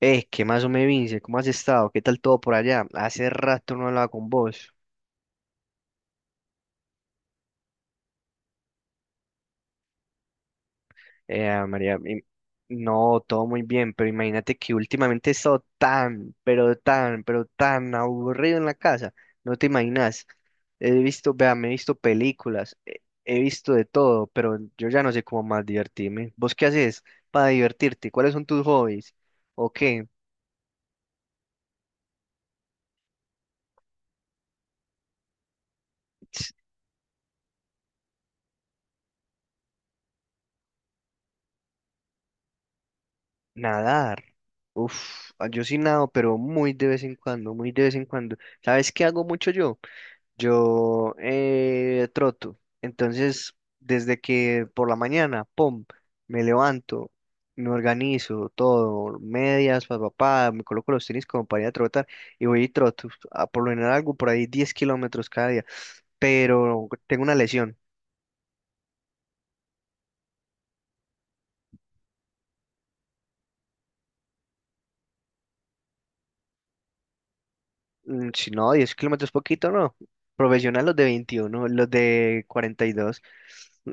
¿Qué más o me Vince? ¿Cómo has estado? ¿Qué tal todo por allá? Hace rato no hablaba con vos. Eh, María, im- no, todo muy bien, pero imagínate que últimamente he estado tan, pero tan, pero tan aburrido en la casa. No te imaginas. He visto, vea, me he visto películas, he visto de todo, pero yo ya no sé cómo más divertirme. ¿Vos qué haces para divertirte? ¿Cuáles son tus hobbies? ¿O qué? Nadar. Yo sí nado, pero muy de vez en cuando, muy de vez en cuando. ¿Sabes qué hago mucho yo? Yo troto. Entonces, desde que por la mañana, pum, me levanto, me organizo todo, medias, papá, me coloco los tenis como para ir a trotar y voy y troto. A por lo general algo por ahí 10 kilómetros cada día, pero tengo una lesión. Si no, 10 kilómetros poquito, no. Profesional los de 21 los de 42.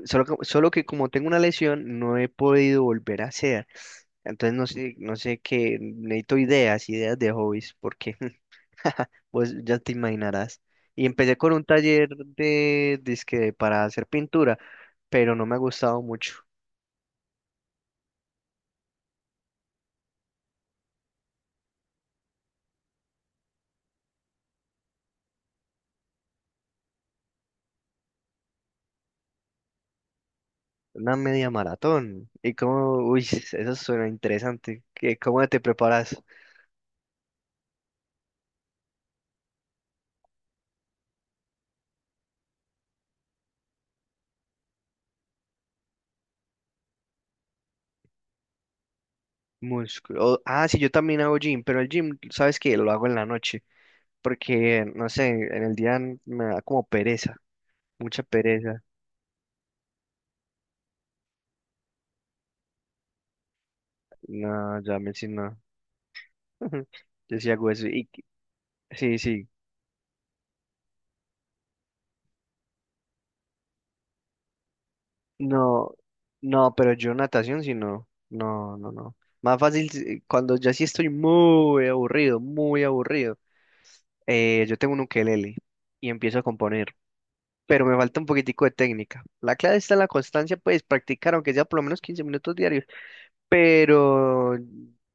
Solo que como tengo una lesión, no he podido volver a hacer. Entonces no sé, no sé qué, necesito ideas, ideas de hobbies, porque pues ya te imaginarás. Y empecé con un taller de, dizque para hacer pintura, pero no me ha gustado mucho. Una media maratón. Y como, uy, eso suena interesante. ¿Cómo te preparas? Músculo. Sí, yo también hago gym, pero el gym, sabes que lo hago en la noche, porque, no sé, en el día me da como pereza, mucha pereza. No, ya me si no. Yo sí hago eso. Sí, sí. No, no, pero yo natación sí no. No, no, no. Más fácil si- cuando ya sí estoy muy aburrido, muy aburrido. Yo tengo un ukelele y empiezo a componer, pero me falta un poquitico de técnica. La clave está en la constancia, pues practicar, aunque sea por lo menos 15 minutos diarios, pero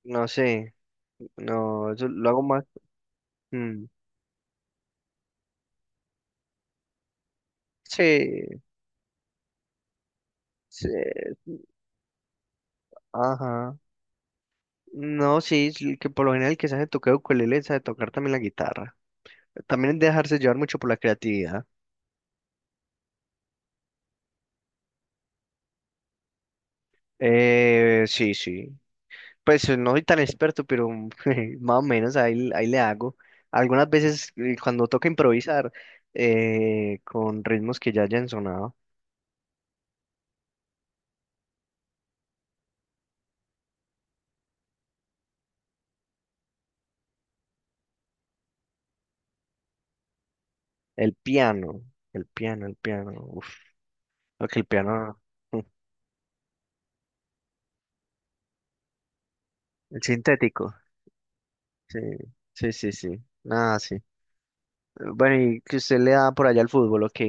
no sé, no, eso lo hago más. mm, sí, sí, ajá. No, sí, es el que por lo general el que sabe tocar ukulele sabe tocar también la guitarra. También es dejarse llevar mucho por la creatividad. Sí, sí. Pues no soy tan experto, pero más o menos ahí, ahí le hago. Algunas veces cuando toca improvisar con ritmos que ya hayan sonado. El piano, el piano, el piano. Uf, lo que el piano. El sintético. Sí, sí, sí, sí. Nada, sí. Bueno, y que usted le da por allá al fútbol, ok.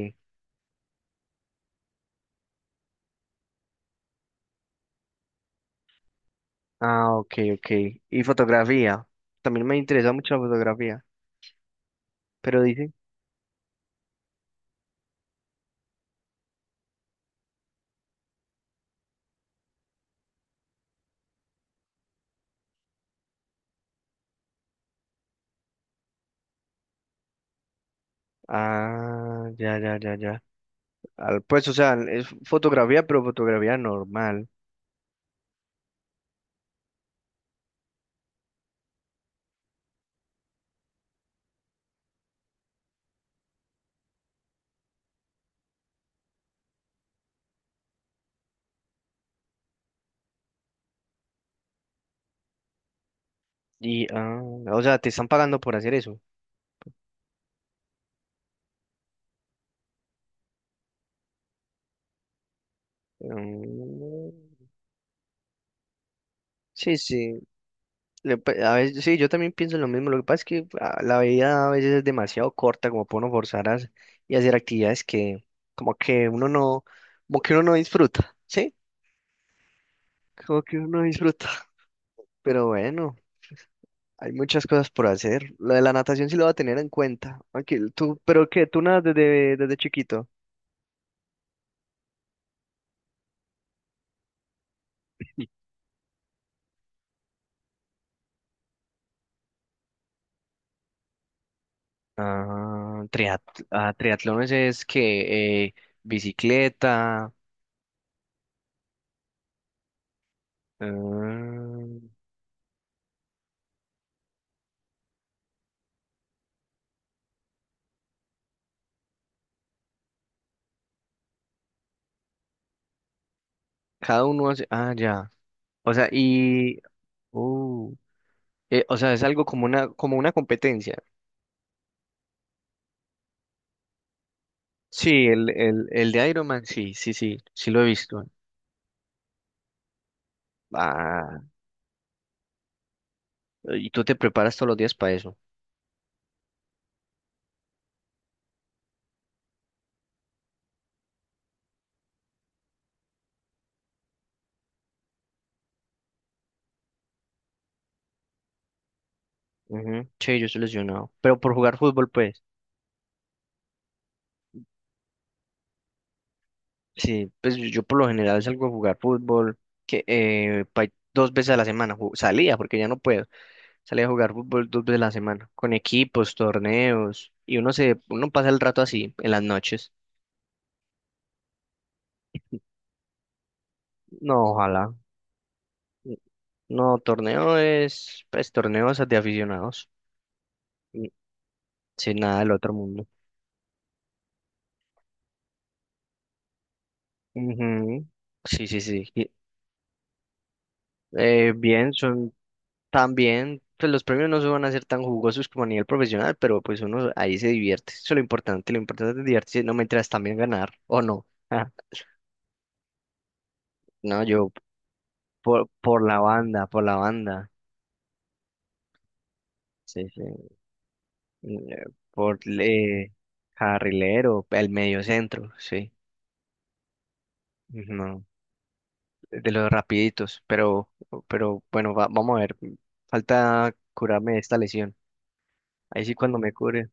Ah, ok, ok. Y fotografía. También me interesa mucho la fotografía. Pero dice. Ah, ya, ya, ya, ya. Pues, o sea, es fotografía, pero fotografía normal. Y, ah, o sea, te están pagando por hacer eso. Mm, sí, sí. A veces, sí, yo también pienso lo mismo. Lo que pasa es que la vida a veces es demasiado corta como para uno forzar y hacer actividades que como que uno no, como que uno no disfruta, ¿sí? Como que uno no disfruta. Pero bueno, hay muchas cosas por hacer. Lo de la natación sí lo va a tener en cuenta. Aquí, tú, pero que tú nadas desde, desde chiquito. Ah, triat ah, triatlones es que bicicleta. Ah, cada uno hace. Ah, ya. O sea, y. Uh, o sea, es algo como una competencia. Sí, el de Iron Man, sí, sí, sí, sí lo he visto. Ah, y tú te preparas todos los días para eso. Ujú. Che, yo estoy lesionado. Pero por jugar fútbol, pues. Sí, pues yo por lo general salgo a jugar fútbol que 2 veces a la semana. Salía, porque ya no puedo. Salía a jugar fútbol 2 veces a la semana. Con equipos, torneos. Y uno se, uno pasa el rato así, en las noches. No, ojalá. No, torneo es, pues, torneos de aficionados. Sin nada del otro mundo. Ujú. Sí, sí, sí. Bien, son también, pues los premios no se van a ser tan jugosos como a nivel profesional, pero pues uno ahí se divierte. Eso es lo importante es divertirse, no me mientras también ganar, o no. Ah, no, yo por la banda, por la banda. Sí, sí. Mm, Por carrilero, el medio centro, sí. No, de los rapiditos, pero bueno, vamos a ver. Falta curarme de esta lesión. Ahí sí cuando me cure.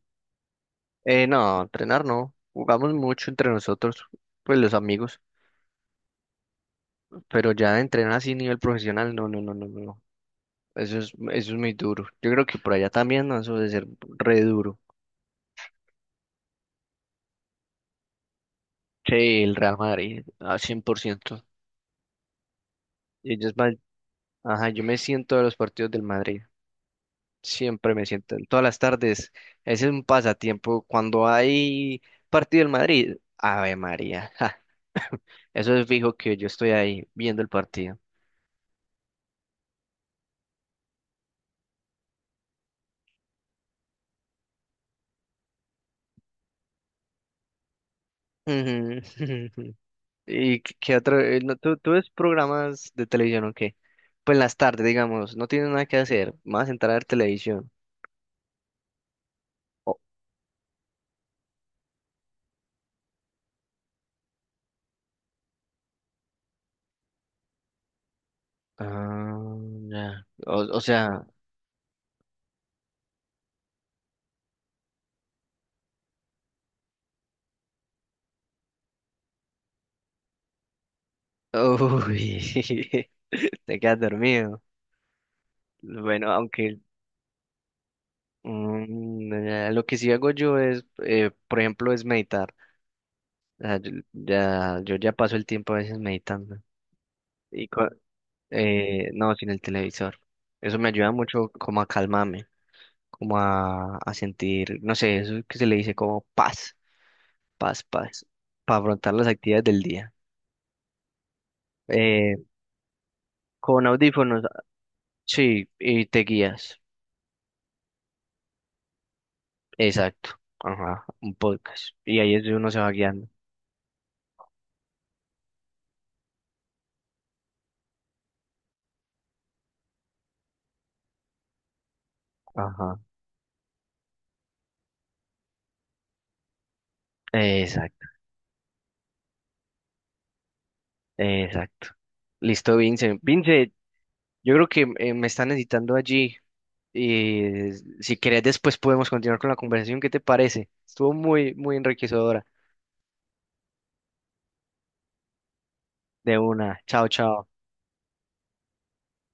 No, entrenar no. Jugamos mucho entre nosotros, pues los amigos. Pero ya entrenar así a nivel profesional, no, no, no, no, no, no. Eso es, eso es muy duro. Yo creo que por allá también, ¿no? Eso debe ser re duro. Sí, el Real Madrid, a 100%. Y ellos van, ajá, yo me siento de los partidos del Madrid. Siempre me siento, en todas las tardes. Ese es un pasatiempo. Cuando hay partido del Madrid, Ave María. Ja, eso es fijo que yo estoy ahí viendo el partido. Ujú. ¿Y qué qué otro? No, ¿tú, tú ves programas de televisión o qué? Pues en las tardes, digamos, no tienes nada que hacer, más entrar a ver televisión. O- ah, ya. O sea, uy, te quedas dormido. Bueno, aunque ya, lo que sí hago yo es, por ejemplo, es meditar. O sea, yo, ya, yo ya paso el tiempo a veces meditando. Y cua- no, sin el televisor. Eso me ayuda mucho como a calmarme. Como a sentir, no sé, eso que se le dice como paz, paz, paz, para afrontar las actividades del día. Eh, con audífonos, sí, y te guías, exacto, ajá, un podcast, y ahí es donde uno se va guiando, ajá, exacto, exacto. Listo, Vince. Vince, yo creo que me están necesitando allí, y eh, si querés después podemos continuar con la conversación, ¿qué te parece? Estuvo muy, muy enriquecedora. De una, chao, chao.